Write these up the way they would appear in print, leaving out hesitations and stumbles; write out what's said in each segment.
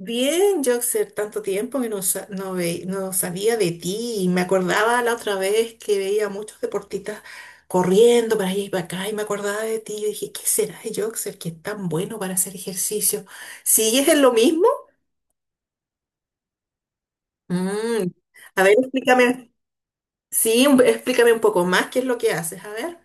Bien, Joxer, tanto tiempo que no, no sabía de ti y me acordaba la otra vez que veía muchos deportistas corriendo para allá y para acá y me acordaba de ti. Yo dije, ¿qué será de Joxer que es tan bueno para hacer ejercicio? ¿Sigues en lo mismo? Mm, A ver, explícame, sí, explícame un poco más qué es lo que haces, a ver.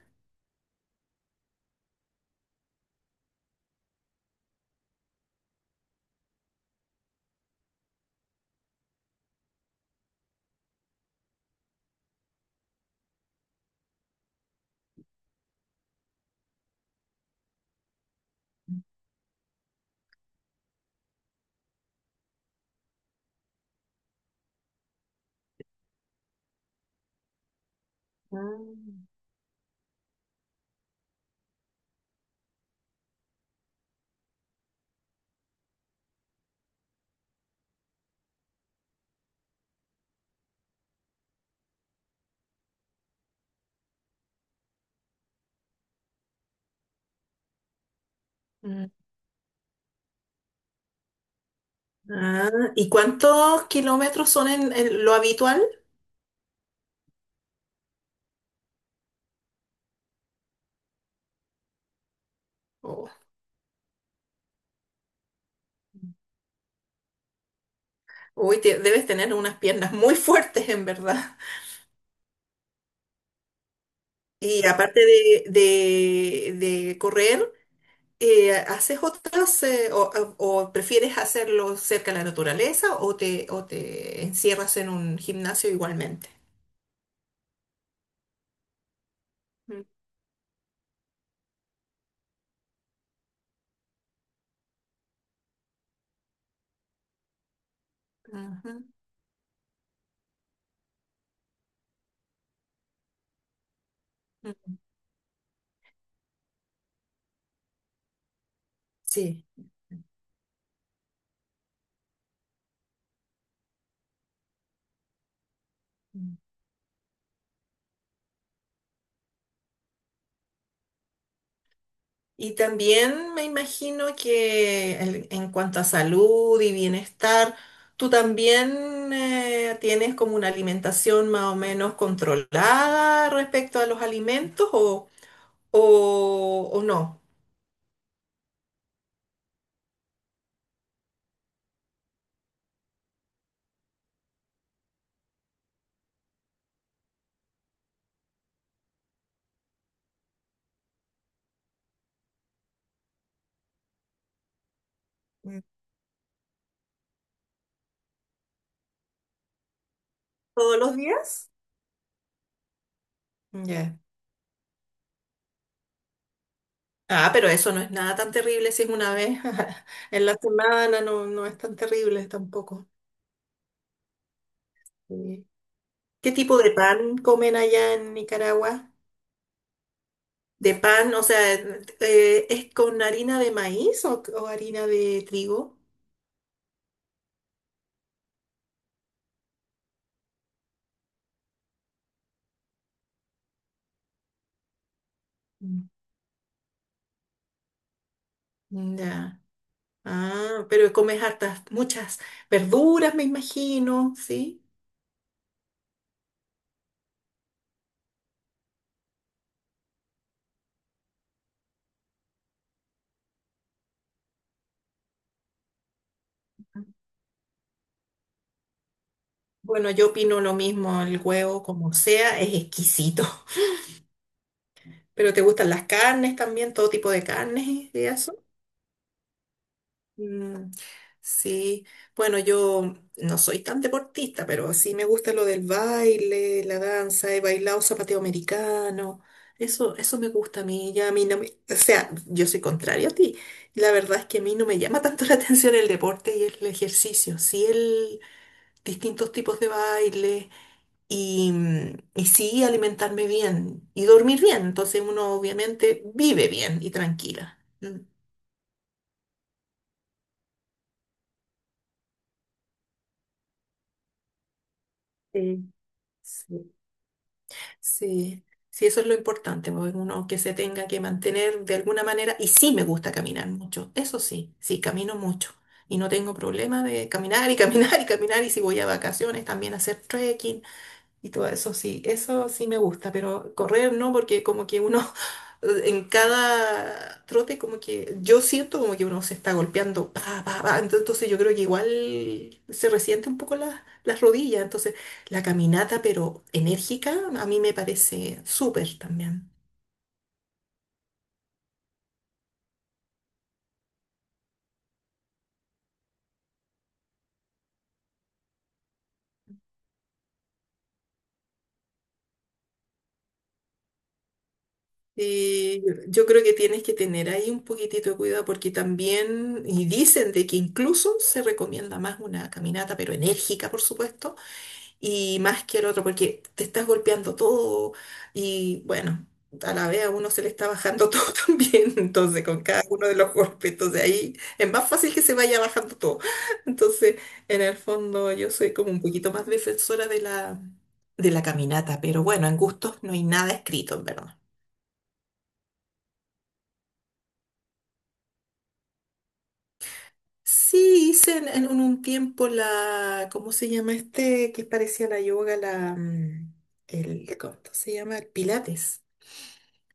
Mm. Mm. Ah, ¿y cuántos kilómetros son en lo habitual? Oh. Uy, debes tener unas piernas muy fuertes, en verdad. Y aparte de, de correr, ¿haces otras o prefieres hacerlo cerca de la naturaleza o te encierras en un gimnasio igualmente? Mm. Ujú. Mm. Sí. Mm. Y también me imagino que en cuanto a salud y bienestar, tú también tienes como una alimentación más o menos controlada respecto a los alimentos o no. Todos los días. Ya. Ah, pero eso no es nada tan terrible si es una vez en la semana, no, no es tan terrible tampoco. Sí. ¿Qué tipo de pan comen allá en Nicaragua? ¿De pan, o sea, es con harina de maíz o harina de trigo? Mm. Ya. Ah, pero comes hartas, muchas verduras, me imagino, ¿sí? Bueno, yo opino lo mismo, el huevo, como sea, es exquisito. ¿Pero te gustan las carnes también, todo tipo de carnes y eso? Mm, sí, bueno, yo no soy tan deportista, pero sí me gusta lo del baile, la danza, he bailado zapateo americano, eso me gusta a mí, ya a mí no me, o sea, yo soy contrario a ti, la verdad es que a mí no me llama tanto la atención el deporte y el ejercicio, sí el distintos tipos de baile, y, y sí alimentarme bien y dormir bien. Entonces uno obviamente vive bien y tranquila. Mm. Sí, sí. Sí, sí, eso es lo importante, porque uno que se tenga que mantener de alguna manera. Y sí me gusta caminar mucho, eso sí, sí, camino mucho. Y no tengo problema de caminar y caminar y caminar. Y si voy a vacaciones, también hacer trekking. Y todo eso sí me gusta, pero correr no, porque como que uno en cada trote como que yo siento como que uno se está golpeando, pa, pa, pa, entonces yo creo que igual se resiente un poco las rodillas, entonces la caminata pero enérgica a mí me parece súper también. Y yo creo que tienes que tener ahí un poquitito de cuidado porque también, y dicen de que incluso se recomienda más una caminata, pero enérgica, por supuesto, y más que el otro, porque te estás golpeando todo y bueno, a la vez a uno se le está bajando todo también, entonces con cada uno de los golpes, entonces ahí es más fácil que se vaya bajando todo. Entonces, en el fondo yo soy como un poquito más defensora de la caminata, pero bueno, en gustos no hay nada escrito, en verdad. Sí, hice en un tiempo la, ¿cómo se llama este? Que parecía la yoga, la, mm, el, ¿cómo se llama? El Pilates.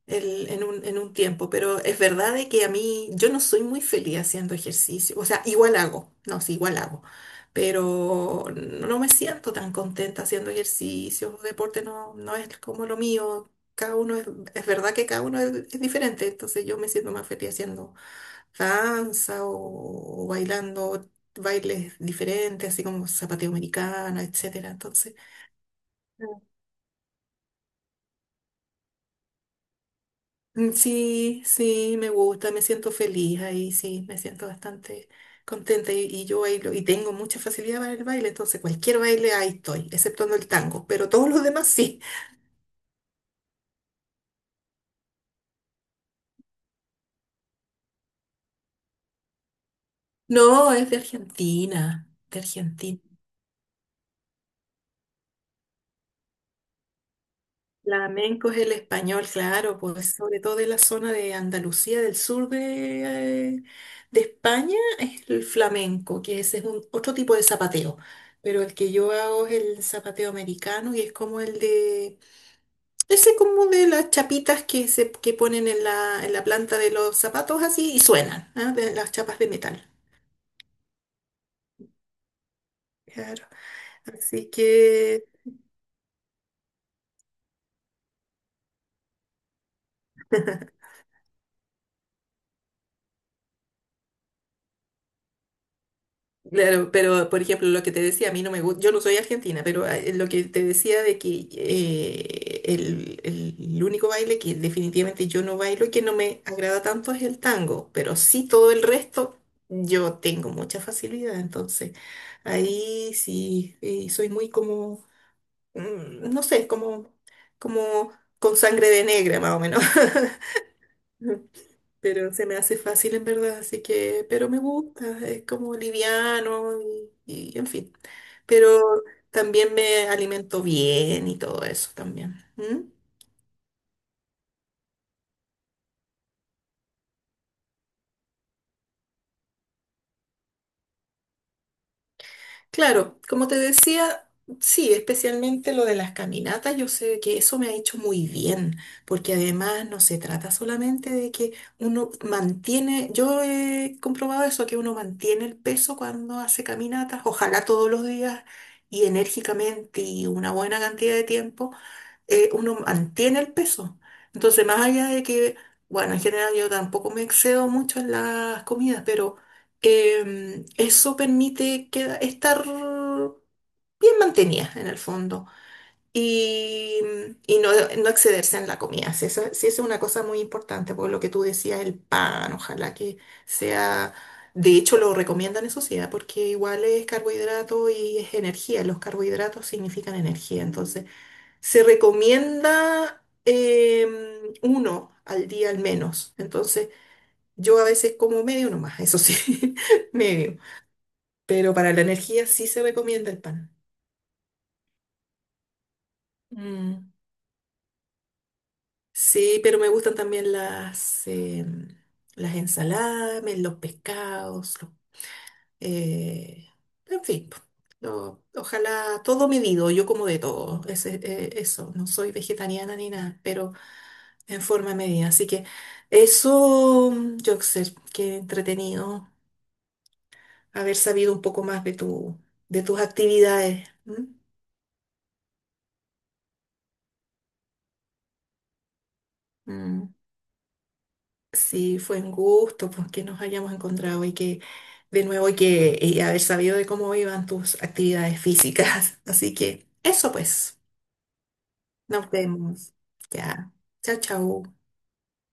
En un, en un tiempo, pero es verdad de que a mí yo no soy muy feliz haciendo ejercicio, o sea, igual hago, no, sí, igual hago, pero no me siento tan contenta haciendo ejercicio, deporte no, no es como lo mío, cada uno es verdad que cada uno es diferente, entonces yo me siento más feliz haciendo danza o bailando bailes diferentes, así como zapateo americano, etcétera, entonces... Mm, sí, sí, me gusta, me siento feliz ahí, sí, me siento bastante contenta y yo bailo y tengo mucha facilidad para el baile, entonces cualquier baile ahí estoy, exceptuando el tango, pero todos los demás sí. No, es de Argentina, de Argentina. Flamenco es el español, claro, pues sobre todo de la zona de Andalucía, del sur de España, es el flamenco, que ese es un, otro tipo de zapateo, pero el que yo hago es el zapateo americano y es como el de... Ese como de las chapitas que se que ponen en la planta de los zapatos así y suenan, ¿ah? De las chapas de metal. Claro. Así que... Claro, pero por ejemplo, lo que te decía, a mí no me gusta, yo no soy argentina, pero ah, lo que te decía de que el único baile que definitivamente yo no bailo y que no me agrada tanto es el tango, pero sí todo el resto yo tengo mucha facilidad, entonces ahí sí, soy muy como mm, no sé, como, como con sangre de negra más o menos. Pero se me hace fácil en verdad, así que, pero me gusta, es como liviano y en fin. Pero también me alimento bien y todo eso también. ¿Mm? Claro, como te decía, sí, especialmente lo de las caminatas, yo sé que eso me ha hecho muy bien, porque además no se trata solamente de que uno mantiene, yo he comprobado eso, que uno mantiene el peso cuando hace caminatas, ojalá todos los días y enérgicamente y una buena cantidad de tiempo, uno mantiene el peso. Entonces, más allá de que, bueno, en general yo tampoco me excedo mucho en las comidas, pero eso permite que, estar bien mantenida en el fondo y, y no, no excederse en la comida. Si eso, si eso es una cosa muy importante, por lo que tú decías, el pan, ojalá que sea... De hecho, lo recomiendan eso sí, ¿ah? Porque igual es carbohidrato y es energía. Los carbohidratos significan energía. Entonces, se recomienda uno al día al menos. Entonces, yo a veces como medio nomás, eso sí, medio. Pero para la energía sí se recomienda el pan. Mm. Sí, pero me gustan también las, las ensaladas, los pescados, eh, en fin. Po. Ojalá todo medido, yo como de todo, eso, no soy vegetariana ni nada, pero en forma de medida. Así que eso, Joxer, qué entretenido haber sabido un poco más de tu, de tus actividades. ¿Mm? Mm. Sí, fue un gusto pues, que nos hayamos encontrado y que de nuevo y que y haber sabido de cómo iban tus actividades físicas. Así que eso pues, nos vemos. Ya. Chao, chao.